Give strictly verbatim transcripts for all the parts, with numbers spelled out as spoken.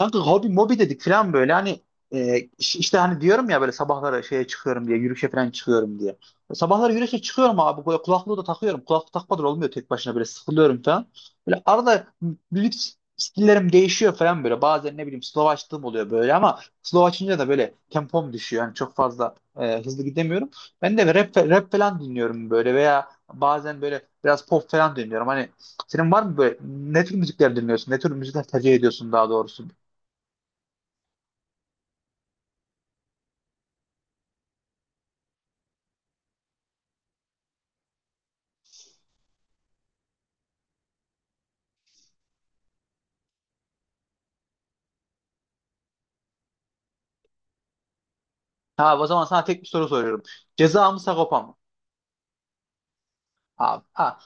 Kanka hobi mobi dedik falan böyle hani e, iş- işte hani diyorum ya böyle sabahları şeye çıkıyorum diye yürüyüşe falan çıkıyorum diye. Sabahları yürüyüşe çıkıyorum abi böyle kulaklığı da takıyorum. Kulaklık takmadan olmuyor tek başına böyle sıkılıyorum falan. Böyle arada müzik stillerim değişiyor falan böyle. Bazen ne bileyim slow açtığım oluyor böyle ama slow açınca da böyle tempom düşüyor. Yani çok fazla e, hızlı gidemiyorum. Ben de rap, rap falan dinliyorum böyle veya bazen böyle biraz pop falan dinliyorum. Hani senin var mı böyle ne tür müzikler dinliyorsun? Ne tür müzikler tercih ediyorsun daha doğrusu? Abi o zaman sana tek bir soru soruyorum. Ceza mı Sagopa mı? Abi, a-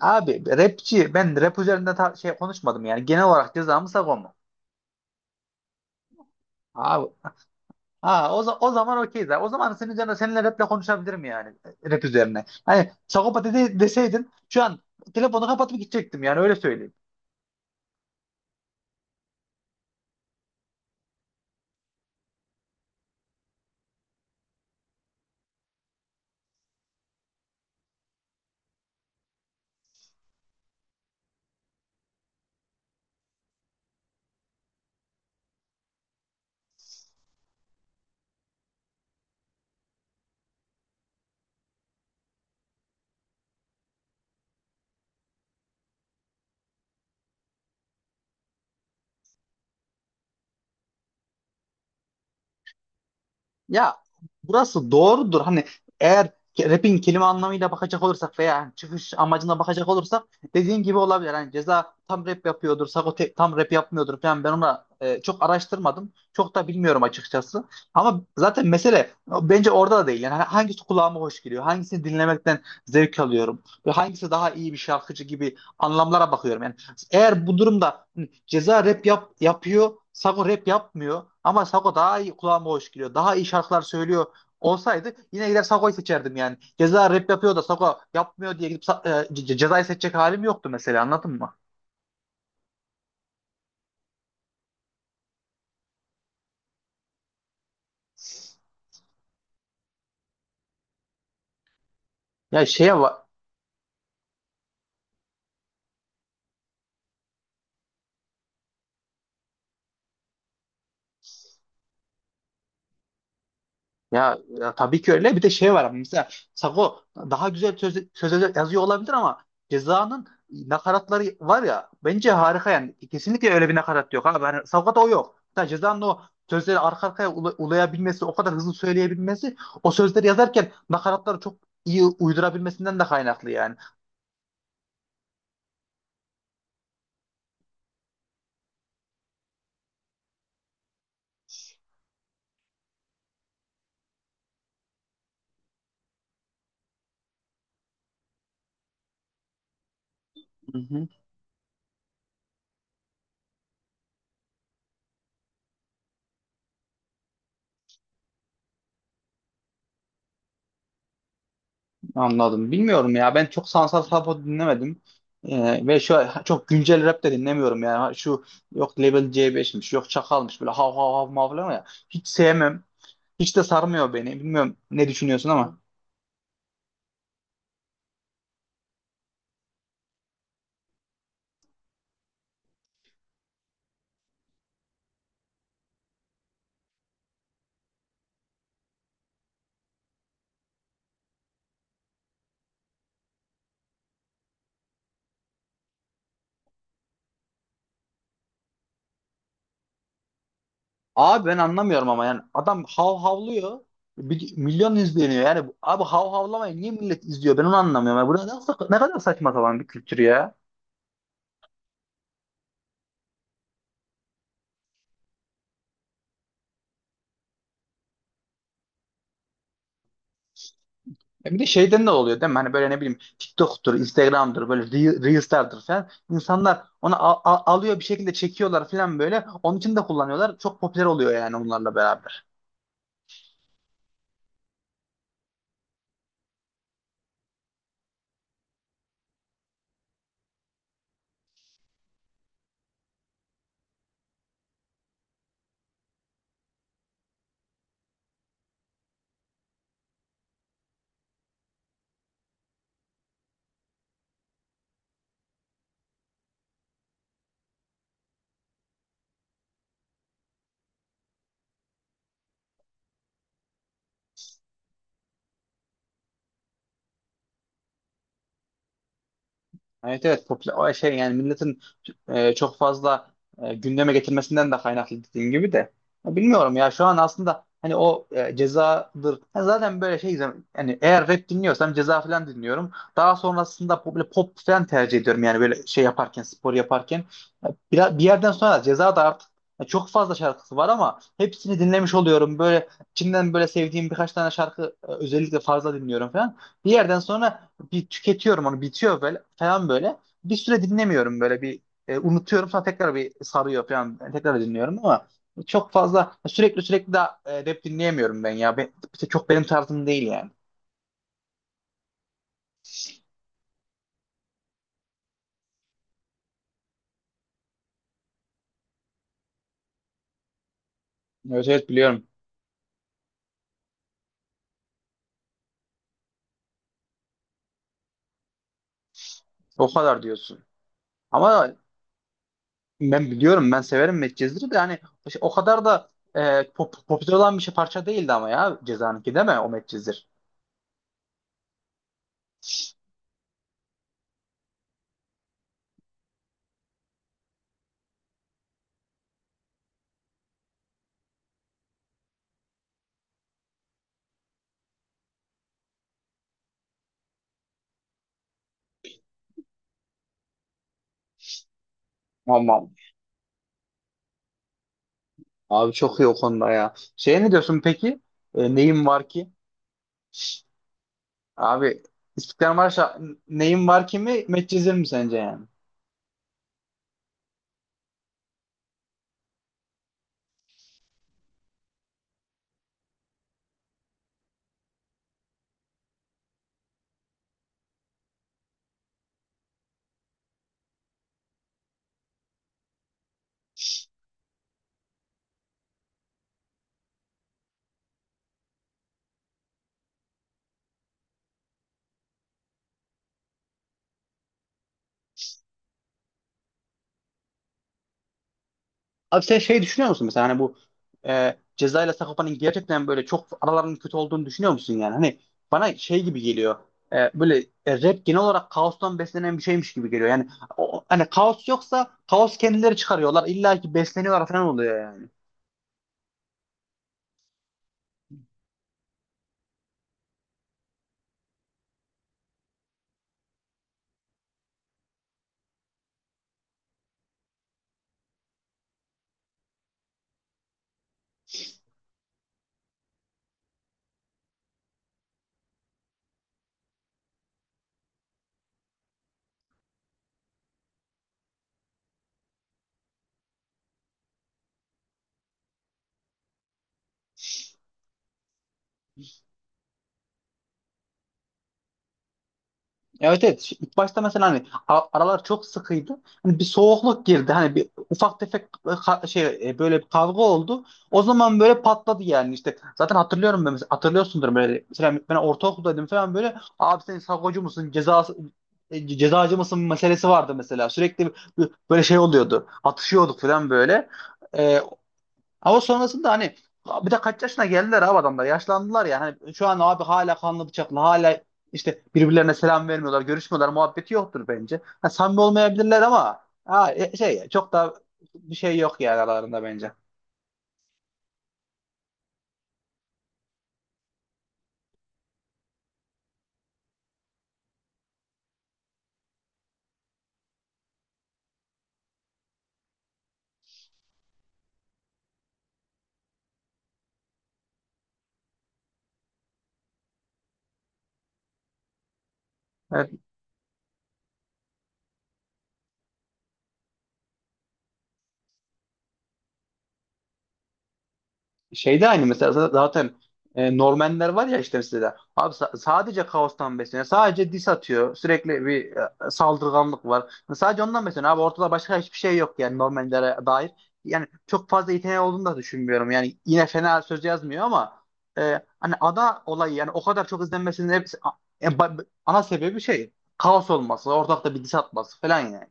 abi rapçi ben rap üzerinde tar- şey konuşmadım yani. Genel olarak ceza mı Sagopa mı? Abi ha, o, za- o zaman okeyiz abi. O zaman senin üzerine seninle raple konuşabilirim yani. Rap üzerine. Hani Sagopa dedi, deseydin şu an telefonu kapatıp gidecektim yani öyle söyleyeyim. Ya burası doğrudur. Hani eğer ke- rap'in kelime anlamıyla bakacak olursak veya hani çıkış amacına bakacak olursak dediğin gibi olabilir. Hani Ceza tam rap yapıyordur, Sago tam rap yapmıyordur falan. Ben ona e, çok araştırmadım. Çok da bilmiyorum açıkçası. Ama zaten mesele bence orada da değil. Yani hani hangisi kulağıma hoş geliyor? Hangisini dinlemekten zevk alıyorum? Ve hangisi daha iyi bir şarkıcı gibi anlamlara bakıyorum. Yani eğer bu durumda hani Ceza rap yap, yapıyor. Sago rap yapmıyor. Ama Sago daha iyi kulağıma hoş geliyor. Daha iyi şarkılar söylüyor olsaydı yine gider Sago'yu seçerdim yani. Ceza rap yapıyor da Sago yapmıyor diye gidip Sa- e, Ce- cezayı seçecek halim yoktu mesela anladın mı? Ya şeye va- Ya, ya tabii ki öyle. Bir de şey var ama mesela Sago daha güzel söz, sözler yazıyor olabilir ama Ceza'nın nakaratları var ya bence harika yani. Kesinlikle öyle bir nakarat yok abi. Hani Sago'da o yok. Hatta Ceza'nın o sözleri arka arkaya ula- ulayabilmesi, o kadar hızlı söyleyebilmesi, o sözleri yazarken nakaratları çok iyi uydurabilmesinden de kaynaklı yani. Anladım. Bilmiyorum ya. Ben çok sanatsal rap dinlemedim. Ee, ve şu çok güncel rap de dinlemiyorum yani. Şu yok Level C beş'miş, yok Çakal'mış böyle hav hav hav mav falan ya. Hiç sevmem. Hiç de sarmıyor beni. Bilmiyorum ne düşünüyorsun ama. Abi ben anlamıyorum ama yani adam hav havlıyor. Bir- milyon izleniyor yani. Abi hav havlamayı niye millet izliyor? Ben onu anlamıyorum. Yani bu ne, ne kadar saçma sapan bir kültür ya. Ya bir de şeyden de oluyor değil mi? Hani böyle ne bileyim TikTok'tur, Instagram'dır, böyle Re- Reels'lerdir falan. İnsanlar onu al- al- alıyor bir şekilde çekiyorlar falan böyle. Onun için de kullanıyorlar. Çok popüler oluyor yani onlarla beraber. Evet, evet, popüler o şey yani milletin e, çok fazla e, gündeme getirmesinden de kaynaklı dediğin gibi de. Ya bilmiyorum ya şu an aslında hani o e, cezadır. Ha, zaten böyle şey, yani eğer rap dinliyorsam ceza falan dinliyorum, daha sonrasında pop, böyle pop falan tercih ediyorum yani böyle şey yaparken, spor yaparken. Ya bir, bir yerden sonra ceza da artık, ya çok fazla şarkısı var ama hepsini dinlemiş oluyorum, böyle içinden böyle sevdiğim birkaç tane şarkı e, özellikle fazla dinliyorum falan, bir yerden sonra bir tüketiyorum onu, bitiyor böyle falan böyle. Bir süre dinlemiyorum böyle bir e, unutuyorum, sonra tekrar bir sarıyor falan yani tekrar dinliyorum ama çok fazla sürekli sürekli de e, rap dinleyemiyorum ben ya. Ben, işte çok benim tarzım değil yani. Evet, evet, biliyorum. O kadar diyorsun. Ama ben biliyorum, ben severim Medcezir'i de, hani işte o kadar da e, pop, popüler olan bir şey parça değildi ama, ya Ceza'nınki değil mi o Medcezir? Aman abi çok iyi o konuda ya. Şey ne diyorsun peki? E, neyim var ki? Abi İstiklal Marşı neyin var kimi medcezir mi sence yani? Abi sen şey düşünüyor musun mesela hani bu e, Ceza ile Sagopa'nın gerçekten böyle çok aralarının kötü olduğunu düşünüyor musun yani? Hani bana şey gibi geliyor, e, böyle e, rap genel olarak kaostan beslenen bir şeymiş gibi geliyor. Yani o- hani kaos yoksa kaos kendileri çıkarıyorlar illa ki, besleniyorlar falan oluyor yani. Evet, evet. Şi- İlk başta mesela hani a- aralar çok sıkıydı. Hani bir soğukluk girdi. Hani bir ufak tefek e, ka- şey e, böyle bir kavga oldu. O zaman böyle patladı yani işte. Zaten hatırlıyorum ben mesela, hatırlıyorsundur böyle. Mesela ben ortaokuldaydım falan böyle. Abi sen sakocu musun? Cezası e, ce- cezacı mısın meselesi vardı mesela. Sürekli bir- bir- böyle şey oluyordu. Atışıyorduk falan böyle. E, ama sonrasında hani bir de kaç yaşına geldiler abi adamlar. Yaşlandılar ya. Hani şu an abi hala kanlı bıçaklı, hala işte birbirlerine selam vermiyorlar, görüşmüyorlar. Muhabbeti yoktur bence. Ha, samimi olmayabilirler ama ha, e, şey çok da bir şey yok yani aralarında bence. Evet. Şeyde aynı mesela zaten, e, Normanler var ya işte mesela abi sa- sadece kaostan besleniyor. Sadece dis atıyor. Sürekli bir e, saldırganlık var. Sadece ondan besleniyor. Abi ortada başka hiçbir şey yok yani Normanlere dair. Yani çok fazla yeteneği olduğunu da düşünmüyorum. Yani yine fena söz yazmıyor ama e, hani ada olayı yani o kadar çok izlenmesinin hepsi a- e, ba- ana sebebi şey, kaos olması, ortalıkta bir dis atması falan yani.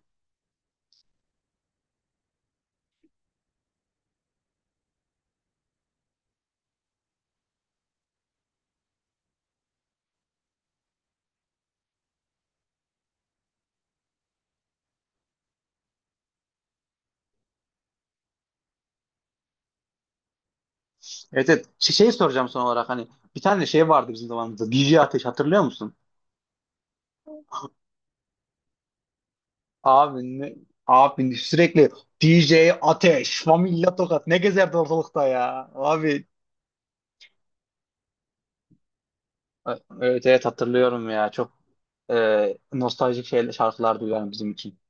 Evet, evet. Şey- Şeyi soracağım son olarak, hani bir tane şey vardı bizim zamanımızda. D J Ateş hatırlıyor musun? Abi ne, abi sürekli D J Ateş, Familya Tokat ne gezerdi ortalıkta ya. Abi evet, evet, hatırlıyorum ya. Çok e, nostaljik şeyler, şarkılar duyuyorum bizim için.